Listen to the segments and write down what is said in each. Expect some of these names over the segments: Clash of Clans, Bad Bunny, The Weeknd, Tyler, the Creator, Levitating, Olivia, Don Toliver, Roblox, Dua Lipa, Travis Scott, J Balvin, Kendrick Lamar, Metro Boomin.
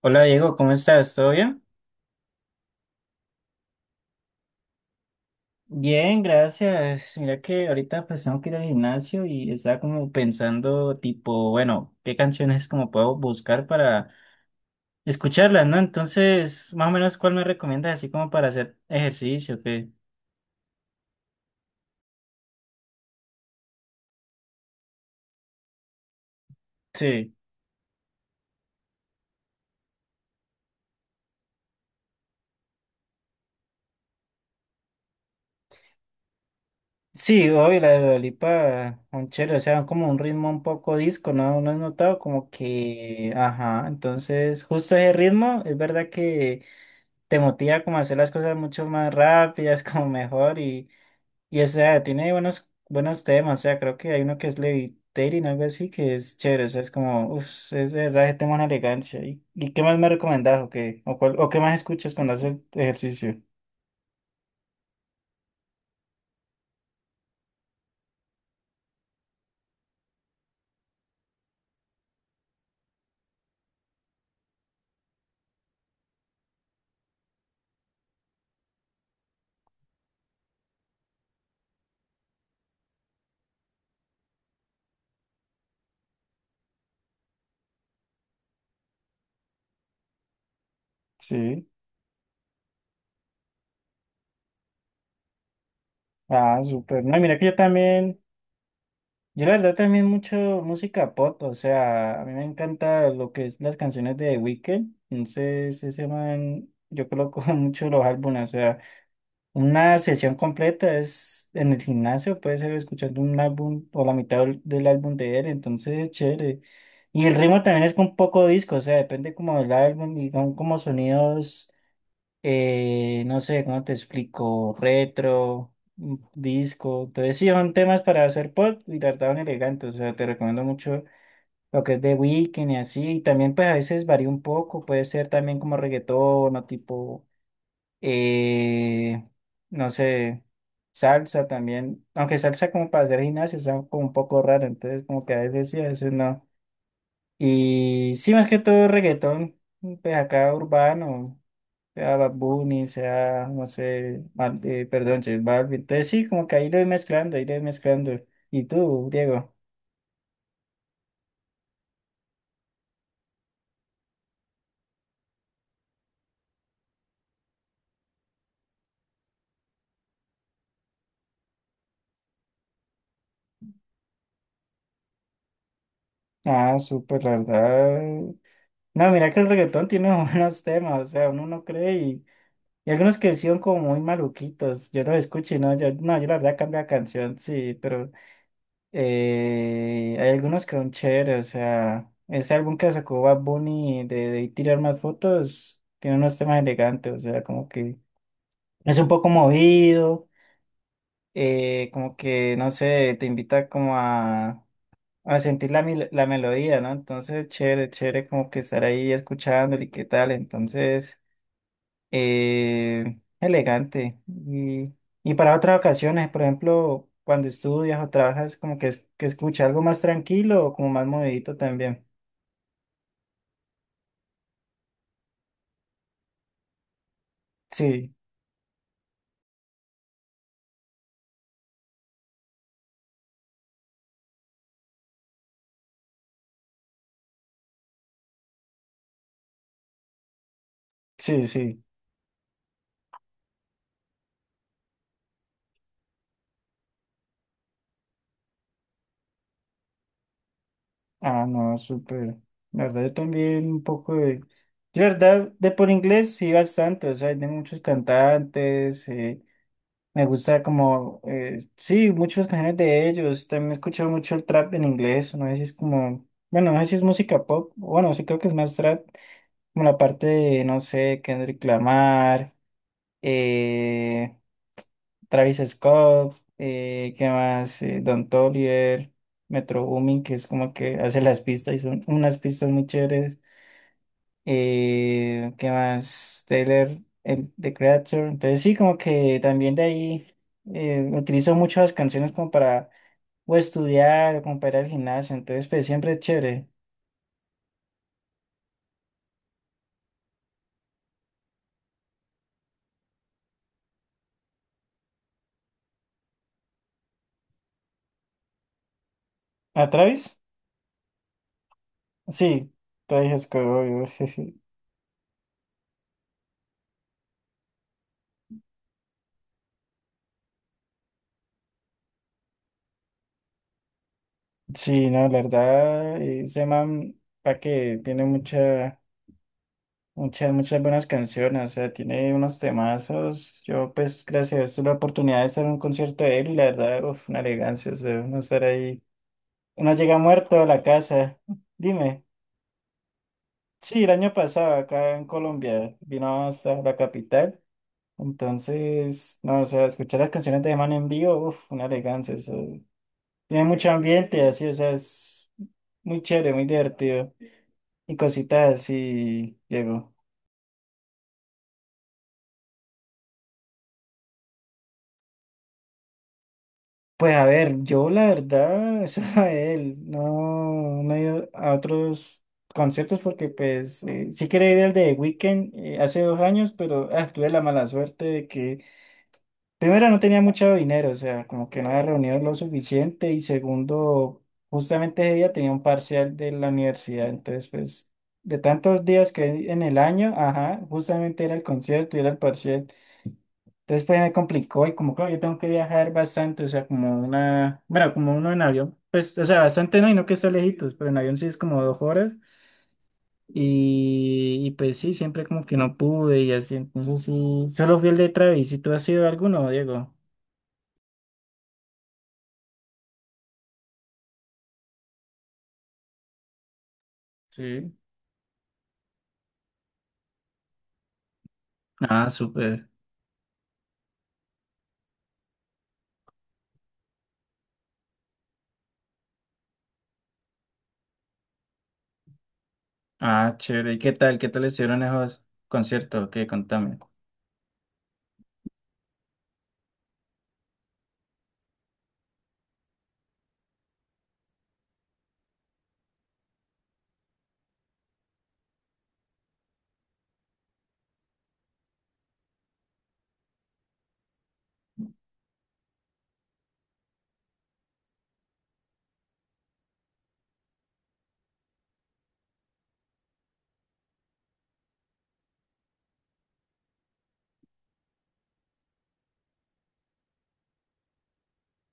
Hola Diego, ¿cómo estás? ¿Todo bien? Bien, gracias. Mira que ahorita pues tengo que ir al gimnasio y estaba como pensando tipo, bueno, qué canciones como puedo buscar para escucharlas, ¿no? Entonces, más o menos, ¿cuál me recomiendas así como para hacer ejercicio? ¿Qué? Sí. Sí, obvio, la de Dua Lipa, un chévere, o sea, como un ritmo un poco disco, ¿no? ¿No has notado? Como que, ajá, entonces justo ese ritmo, es verdad que te motiva como a hacer las cosas mucho más rápidas, como mejor y... Y o sea, tiene buenos temas, o sea, creo que hay uno que es Levitating, algo así, que es chévere, o sea, es como, uff, es de verdad, ese tema es una elegancia. ¿Y, qué más me recomendás o qué, o, cuál- o qué más escuchas cuando haces ejercicio? Sí, ah, súper. No, mira que yo también, yo la verdad también mucho música pop, o sea, a mí me encanta lo que es las canciones de The Weeknd, entonces ese man, yo coloco mucho los álbumes, o sea. Una sesión completa es en el gimnasio, puede ser escuchando un álbum o la mitad del álbum de él, entonces es chévere. Y el ritmo también es con poco disco, o sea, depende como del álbum y son como sonidos, no sé, ¿cómo te explico? Retro, disco. Entonces sí, son temas para hacer pop y trataban elegantes, o sea, te recomiendo mucho lo que es de weekend y así. Y también pues a veces varía un poco, puede ser también como reggaetón o tipo eh, no sé, salsa también, aunque salsa como para hacer gimnasio, está como un poco raro, entonces como que a veces sí, a veces no. Y sí, más que todo reggaetón, pues acá urbano, sea Bad Bunny, sea, no sé, perdón, J Balvin, entonces sí, como que ahí lo voy mezclando, ahí lo voy mezclando. ¿Y tú, Diego? Ah, súper, la verdad. No, mira que el reggaetón tiene buenos temas, o sea, uno no cree. Y algunos que sí son como muy maluquitos. Yo los escuché, no, yo, no, yo la verdad cambié la canción, sí, pero hay algunos que son chéveres. O sea, ese álbum que sacó Bad Bunny de, tirar más fotos tiene unos temas elegantes. O sea, como que es un poco movido, como que, no sé, te invita como a sentir la, mil- la melodía, ¿no? Entonces, chévere, chévere como que estar ahí escuchándole y qué tal. Entonces elegante. Y, para otras ocasiones, por ejemplo, cuando estudias o trabajas, como que, es- que escucha algo más tranquilo o como más movidito también. Sí, sí, sí. Ah, no, súper. La verdad, yo también un poco de... Yo, la verdad, de por inglés sí bastante, o sea, hay de muchos cantantes, me gusta como, sí, muchas canciones de ellos, también he escuchado mucho el trap en inglés, no sé si es como, bueno, no sé si es música pop, bueno, sí creo que es más trap. Como la parte de, no sé, Kendrick Lamar, eh, Travis Scott, ¿qué más? Don Toliver, Metro Boomin, que es como que hace las pistas y son unas pistas muy chéveres. ¿Qué más? Taylor, el, The Creator. Entonces sí, como que también de ahí utilizo muchas canciones como para o estudiar o como para ir al gimnasio. Entonces, pues siempre es chévere. ¿A Travis? Sí, Travis Scott, obvio. Sí, no, la verdad, ese man, pa' que tiene mucha, muchas buenas canciones, o sea, tiene unos temazos. Yo, pues, gracias a Dios, tuve la oportunidad de estar en un concierto de él y la verdad, uf, una elegancia, o sea, uno estar ahí. Uno llega muerto a la casa. Dime. Sí, el año pasado acá en Colombia vino hasta la capital. Entonces, no, o sea, escuchar las canciones de ese man en vivo, uf, una elegancia, o sea, tiene mucho ambiente, así, o sea, es muy chévere, muy divertido. Y cositas así, Diego. Pues a ver, yo la verdad, eso a él, no, no he ido a otros conciertos porque pues sí quería ir al de Weekend hace dos años, pero ah, tuve la mala suerte de que primero no tenía mucho dinero, o sea, como que no había reunido lo suficiente y segundo, justamente ese día tenía un parcial de la universidad, entonces pues de tantos días que hay en el año, ajá, justamente era el concierto y era el parcial. Entonces pues me complicó y como claro, yo tengo que viajar bastante, o sea, como una, bueno, como uno en avión, pues, o sea, bastante no, y no que está lejitos, pero en avión sí es como dos horas y, pues sí, siempre como que no pude y así, entonces sí, solo fui el de Travis, ¿y tú has sido alguno, Diego? Sí. Ah, súper. Ah, chévere. ¿Y qué tal? ¿Qué tal estuvieron esos conciertos? ¿Qué? Contame.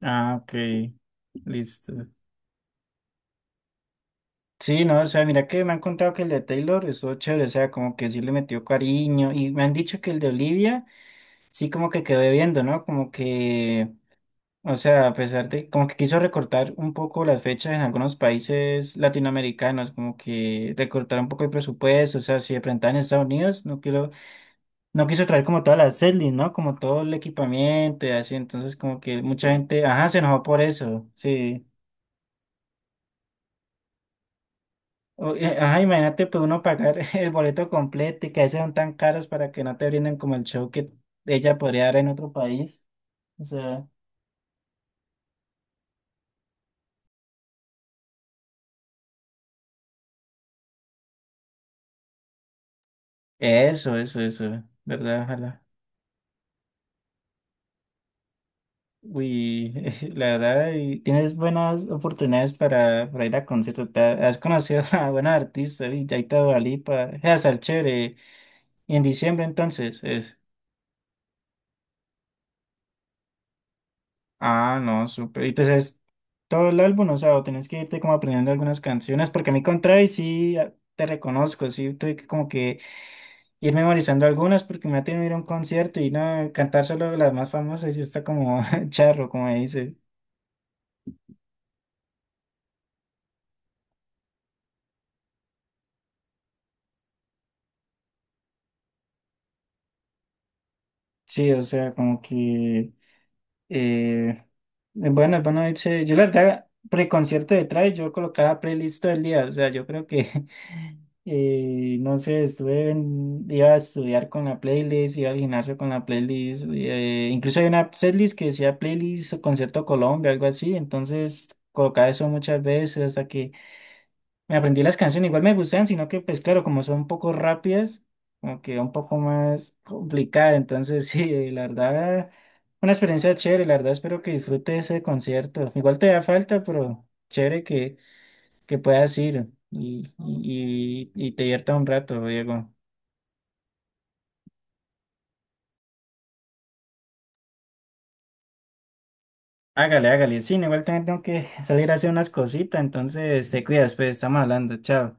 Ah, ok. Listo. Sí, no, o sea, mira que me han contado que el de Taylor estuvo chévere, o sea, como que sí le metió cariño, y me han dicho que el de Olivia sí como que quedó viendo, ¿no? Como que, o sea, a pesar de, como que quiso recortar un poco las fechas en algunos países latinoamericanos, como que recortar un poco el presupuesto, o sea, si de pronto en Estados Unidos, no quiero, no quiso traer como todas las setlist, ¿no? Como todo el equipamiento y así, entonces como que mucha gente, ajá, se enojó por eso, sí. Ajá, imagínate pues uno pagar el boleto completo y que a veces son tan caros para que no te brinden como el show que ella podría dar en otro país. O sea, eso, ¿verdad? Ojalá. Uy, la verdad, y tienes buenas oportunidades para ir a conciertos. Te ha- Has conocido a buenos artistas, y Yaita Dua Lipa, es a ser chévere. Y en diciembre entonces es. Ah, no, súper. Y entonces, todo el álbum, o sea, o tenés que irte como aprendiendo algunas canciones, porque a mí con Travis sí ah, te reconozco, sí tuve que como que ir memorizando algunas, porque me ha tenido que ir a un concierto y no cantar solo las más famosas y está como charro, como dice. Sí, o sea, como que. Eh, es bueno irse. Yo la verdad, preconcierto de Travis, yo colocaba playlist todo el día. O sea, yo creo que, no sé, iba a estudiar con la playlist, iba al gimnasio con la playlist. Incluso hay una playlist que decía playlist o concierto Colombia, algo así. Entonces colocaba eso muchas veces hasta que me aprendí las canciones, igual me gustan, sino que pues claro, como son un poco rápidas, como que un poco más complicada, entonces sí, la verdad, una experiencia chévere, la verdad espero que disfrute ese concierto. Igual te da falta, pero chévere que, puedas ir y, te divierta un rato, Diego. Hágale, hágale, sí, no, igual también tengo que salir a hacer unas cositas, entonces te cuidas, pues estamos hablando, chao.